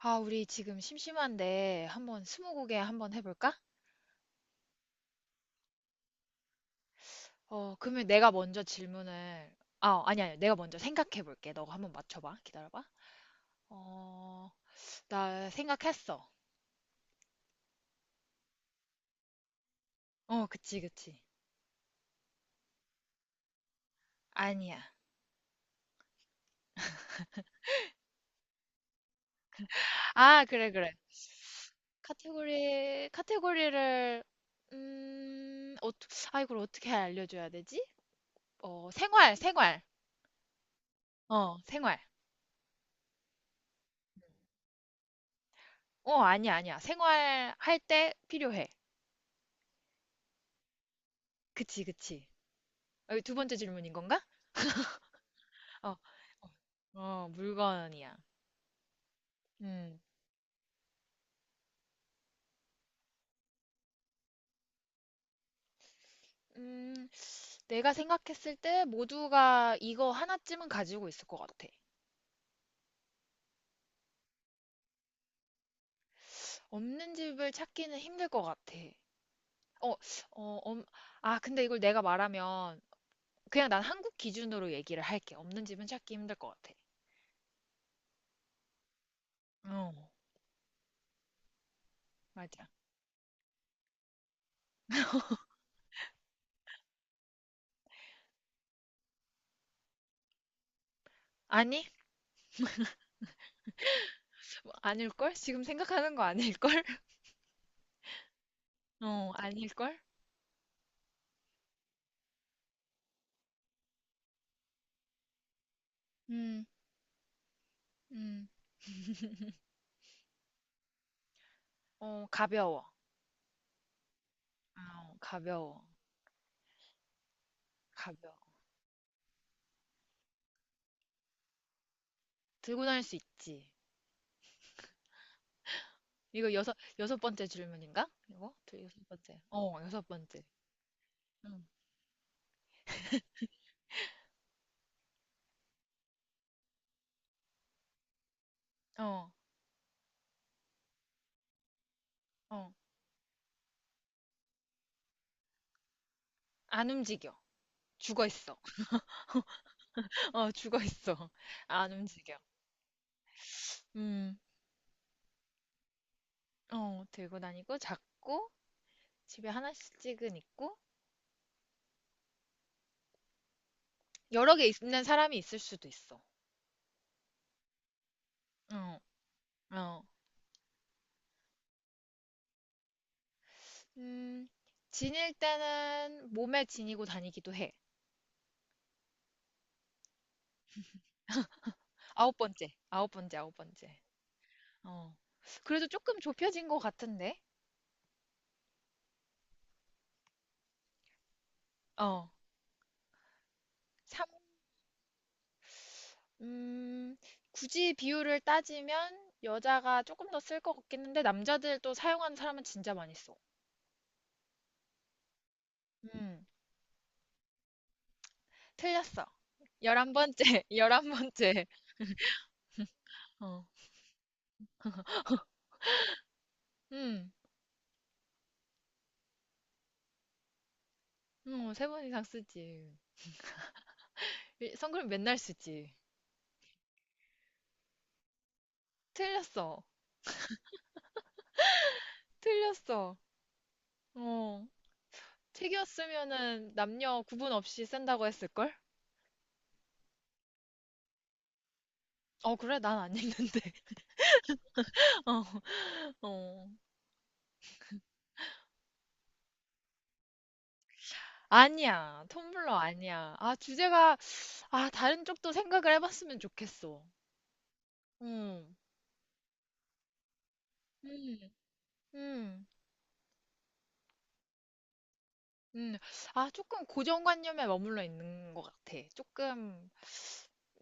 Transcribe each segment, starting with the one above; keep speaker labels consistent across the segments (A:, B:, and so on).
A: 아, 우리 지금 심심한데 한번 스무고개 한번 해볼까? 그러면 내가 먼저 질문을. 아, 아니 아니. 내가 먼저 생각해 볼게. 너가 한번 맞춰 봐. 기다려 봐. 어, 나 생각했어. 어, 그치, 그치. 아니야. 아, 그래, 그래. 카테고리를. 음, 어, 아, 이걸 어떻게 알려줘야 되지? 어, 생활, 생활. 어, 생활. 어, 아니야, 아니야. 생활 할 때 필요해. 그치, 그치. 어, 2번째 질문인 건가? 어, 어, 물건이야. 음, 음. 내가 생각했을 때 모두가 이거 하나쯤은 가지고 있을 것 같아. 없는 집을 찾기는 힘들 것 같아. 어, 어, 엄, 아, 근데 이걸 내가 말하면, 그냥 난 한국 기준으로 얘기를 할게. 없는 집은 찾기 힘들 것 같아. 어, 맞아. 아니? 아닐걸? 지금 생각하는 거 아닐걸? 어, 아닐걸? 음. 음, 어, 가벼워. 어, 가벼워. 가벼워. 들고 다닐 수 있지. 이거 여섯 번째 질문인가? 이거? 둘, 6번째. 어, 6번째. 응. 어, 어. 안 움직여. 죽어 있어. 어, 죽어 있어. 안 움직여. 음, 들고 다니고, 작고, 집에 하나씩은 있고, 여러 개 있는 사람이 있을 수도 있어. 어, 어. 음, 지닐 때는 몸에 지니고 다니기도 해. 9번째. 9번째, 아홉 번째. 어. 그래도 조금 좁혀진 것 같은데? 어. 음, 굳이 비율을 따지면 여자가 조금 더 쓸 것 같긴 한데 남자들 또 사용하는 사람은 진짜 많이 써. 음, 틀렸어. 11번째, 11번째. 어, 음, 3번 이상 쓰지. 선크림 맨날 쓰지. 틀렸어, 틀렸어. 어, 책이었으면은 남녀 구분 없이 쓴다고 했을걸? 어, 그래, 난 안 읽는데. 어, 어. 아니야, 텀블러 아니야. 아, 주제가, 아, 다른 쪽도 생각을 해봤으면 좋겠어. 음, 음, 음, 음. 아, 조금 고정관념에 머물러 있는 것 같아. 조금,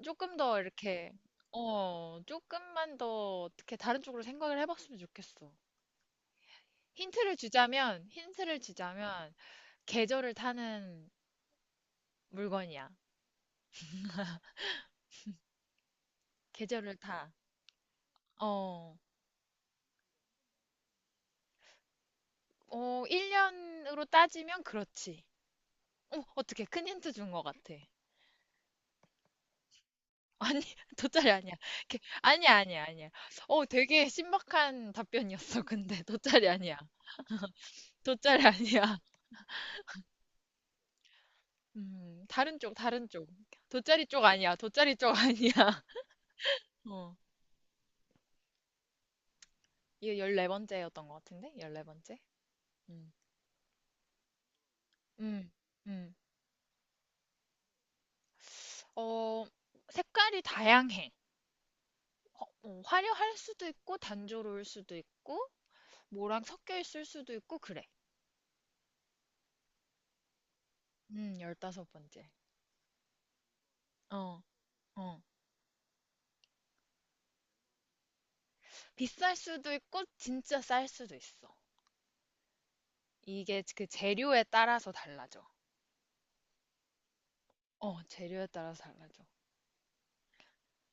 A: 조금 더 이렇게, 조금만 더 어떻게 다른 쪽으로 생각을 해봤으면 좋겠어. 힌트를 주자면, 힌트를 주자면, 계절을 타는 물건이야. 계절을 타. 어, 1년으로 따지면 그렇지. 어, 어떻게 큰 힌트 준 것 같아. 아니, 돗자리 아니야. 아니야, 아니야, 아니야. 어, 되게 신박한 답변이었어, 근데. 돗자리 아니야. 돗자리 아니야. 다른 쪽, 다른 쪽. 돗자리 쪽 아니야. 돗자리 쪽 아니야. 어, 이거 14번째였던 것 같은데? 14번째? 음, 음, 음. 어, 색깔이 다양해. 어, 어, 화려할 수도 있고, 단조로울 수도 있고, 뭐랑 섞여 있을 수도 있고, 그래. 15번째. 어, 어. 비쌀 수도 있고 진짜 쌀 수도 있어. 이게 그 재료에 따라서 달라져. 어, 재료에 따라서 달라져.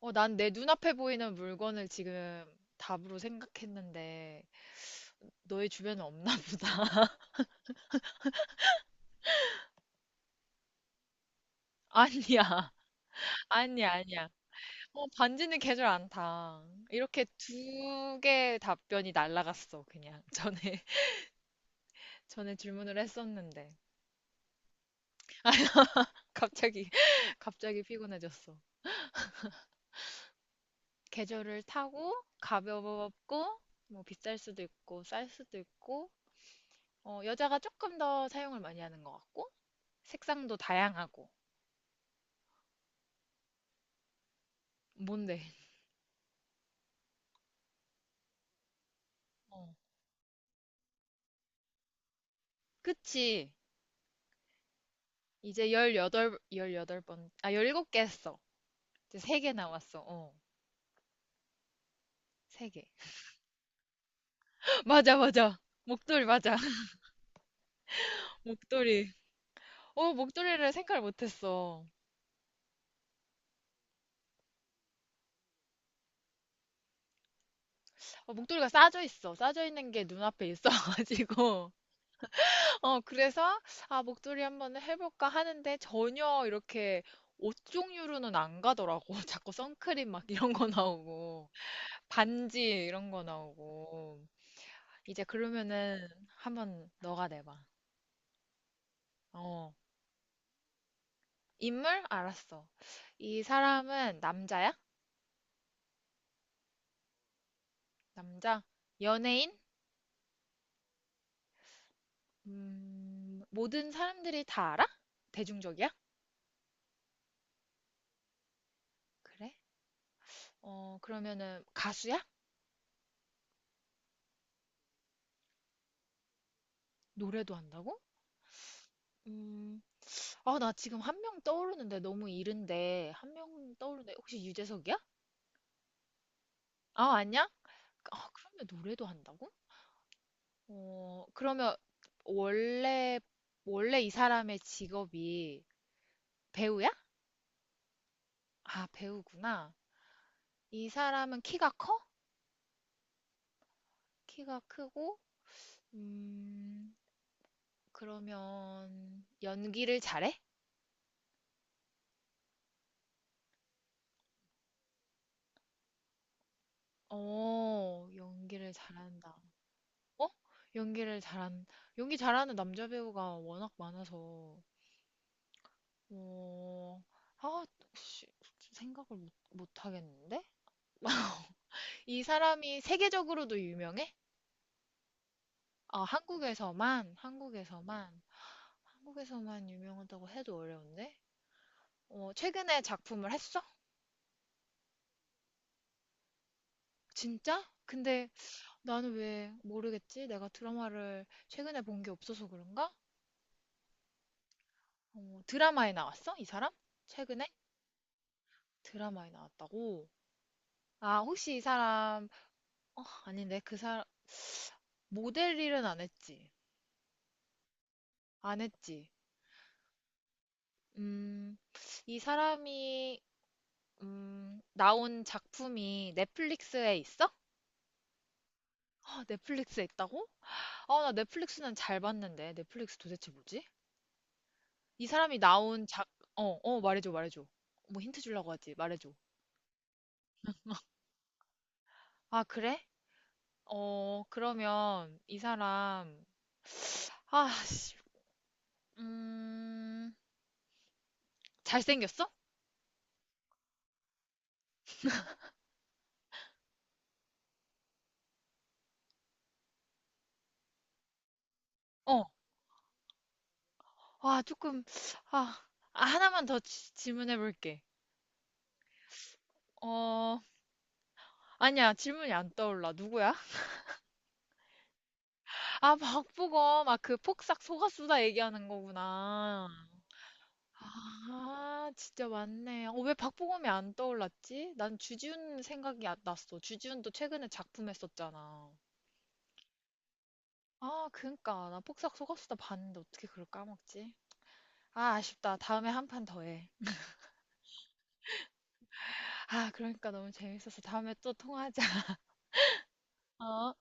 A: 어, 난 내 눈앞에 보이는 물건을 지금 답으로 생각했는데 너의 주변에 없나 보다. 아니야. 아니야, 아니야. 어, 반지는 계절 안 타. 이렇게 두 개의 답변이 날라갔어, 그냥. 전에, 전에 질문을 했었는데. 갑자기, 갑자기 피곤해졌어. 계절을 타고, 가볍고, 뭐 비쌀 수도 있고, 쌀 수도 있고, 어, 여자가 조금 더 사용을 많이 하는 것 같고, 색상도 다양하고. 뭔데? 어. 그치. 이제 17개 했어. 이제 3개 나왔어. 어, 세 개. 맞아, 맞아. 목도리, 맞아. 목도리. 어, 목도리를 생각을 못했어. 어, 목도리가 싸져 있어. 싸져 있는 게 눈앞에 있어가지고. 어, 그래서, 아, 목도리 한번 해볼까 하는데 전혀 이렇게 옷 종류로는 안 가더라고. 자꾸 선크림 막 이런 거 나오고. 반지 이런 거 나오고. 이제 그러면은 한번 너가 내봐. 어. 인물? 알았어. 이 사람은 남자야? 남자? 연예인? 모든 사람들이 다 알아? 대중적이야? 그래? 어, 그러면은 가수야? 노래도 한다고? 음. 아, 나 지금 한 명 떠오르는데 너무 이른데 한 명 떠오르는데 혹시 유재석이야? 아, 아니야? 아, 그러면 노래도 한다고? 그러면 원래 원래 이 사람의 직업이 배우야? 아, 배우구나. 이 사람은 키가 커? 키가 크고, 음, 그러면 연기를 잘해? 어, 연기를 잘한다. 어? 연기를 잘한, 연기 잘하는 남자 배우가 워낙 많아서, 어, 아, 씨, 생각을 못 하겠는데? 이 사람이 세계적으로도 유명해? 아, 한국에서만, 한국에서만, 한국에서만 유명하다고 해도 어려운데? 어, 최근에 작품을 했어? 진짜? 근데 나는 왜 모르겠지? 내가 드라마를 최근에 본 게 없어서 그런가? 어, 드라마에 나왔어? 이 사람? 최근에? 드라마에 나왔다고? 아, 혹시 이 사람, 어, 아닌데, 그 사람, 모델 일은 안 했지? 안 했지? 음, 이 사람이, 나온 작품이 넷플릭스에 있어? 아, 넷플릭스에 있다고? 아, 나 넷플릭스는 잘 봤는데. 넷플릭스 도대체 뭐지? 이 사람이 나온 작, 어, 어, 말해줘, 말해줘. 뭐 힌트 주려고 하지, 말해줘. 아, 그래? 어, 그러면 이 사람, 아, 씨, 음, 잘생겼어? 어, 아, 조금, 아, 아, 하나만 더 질문해볼게. 어, 아니야, 질문이 안 떠올라. 누구야? 아, 박보검, 아, 그 폭삭 속았수다 얘기하는 거구나. 아, 진짜 맞네. 어, 왜 박보검이 안 떠올랐지? 난 주지훈 생각이 안 났어. 주지훈도 최근에 작품 했었잖아. 아, 그니까. 나 폭삭 속았수다 봤는데 어떻게 그걸 까먹지? 아, 아쉽다. 다음에 1판 더 해. 아, 그러니까 너무 재밌어서 다음에 또 통화하자. 어?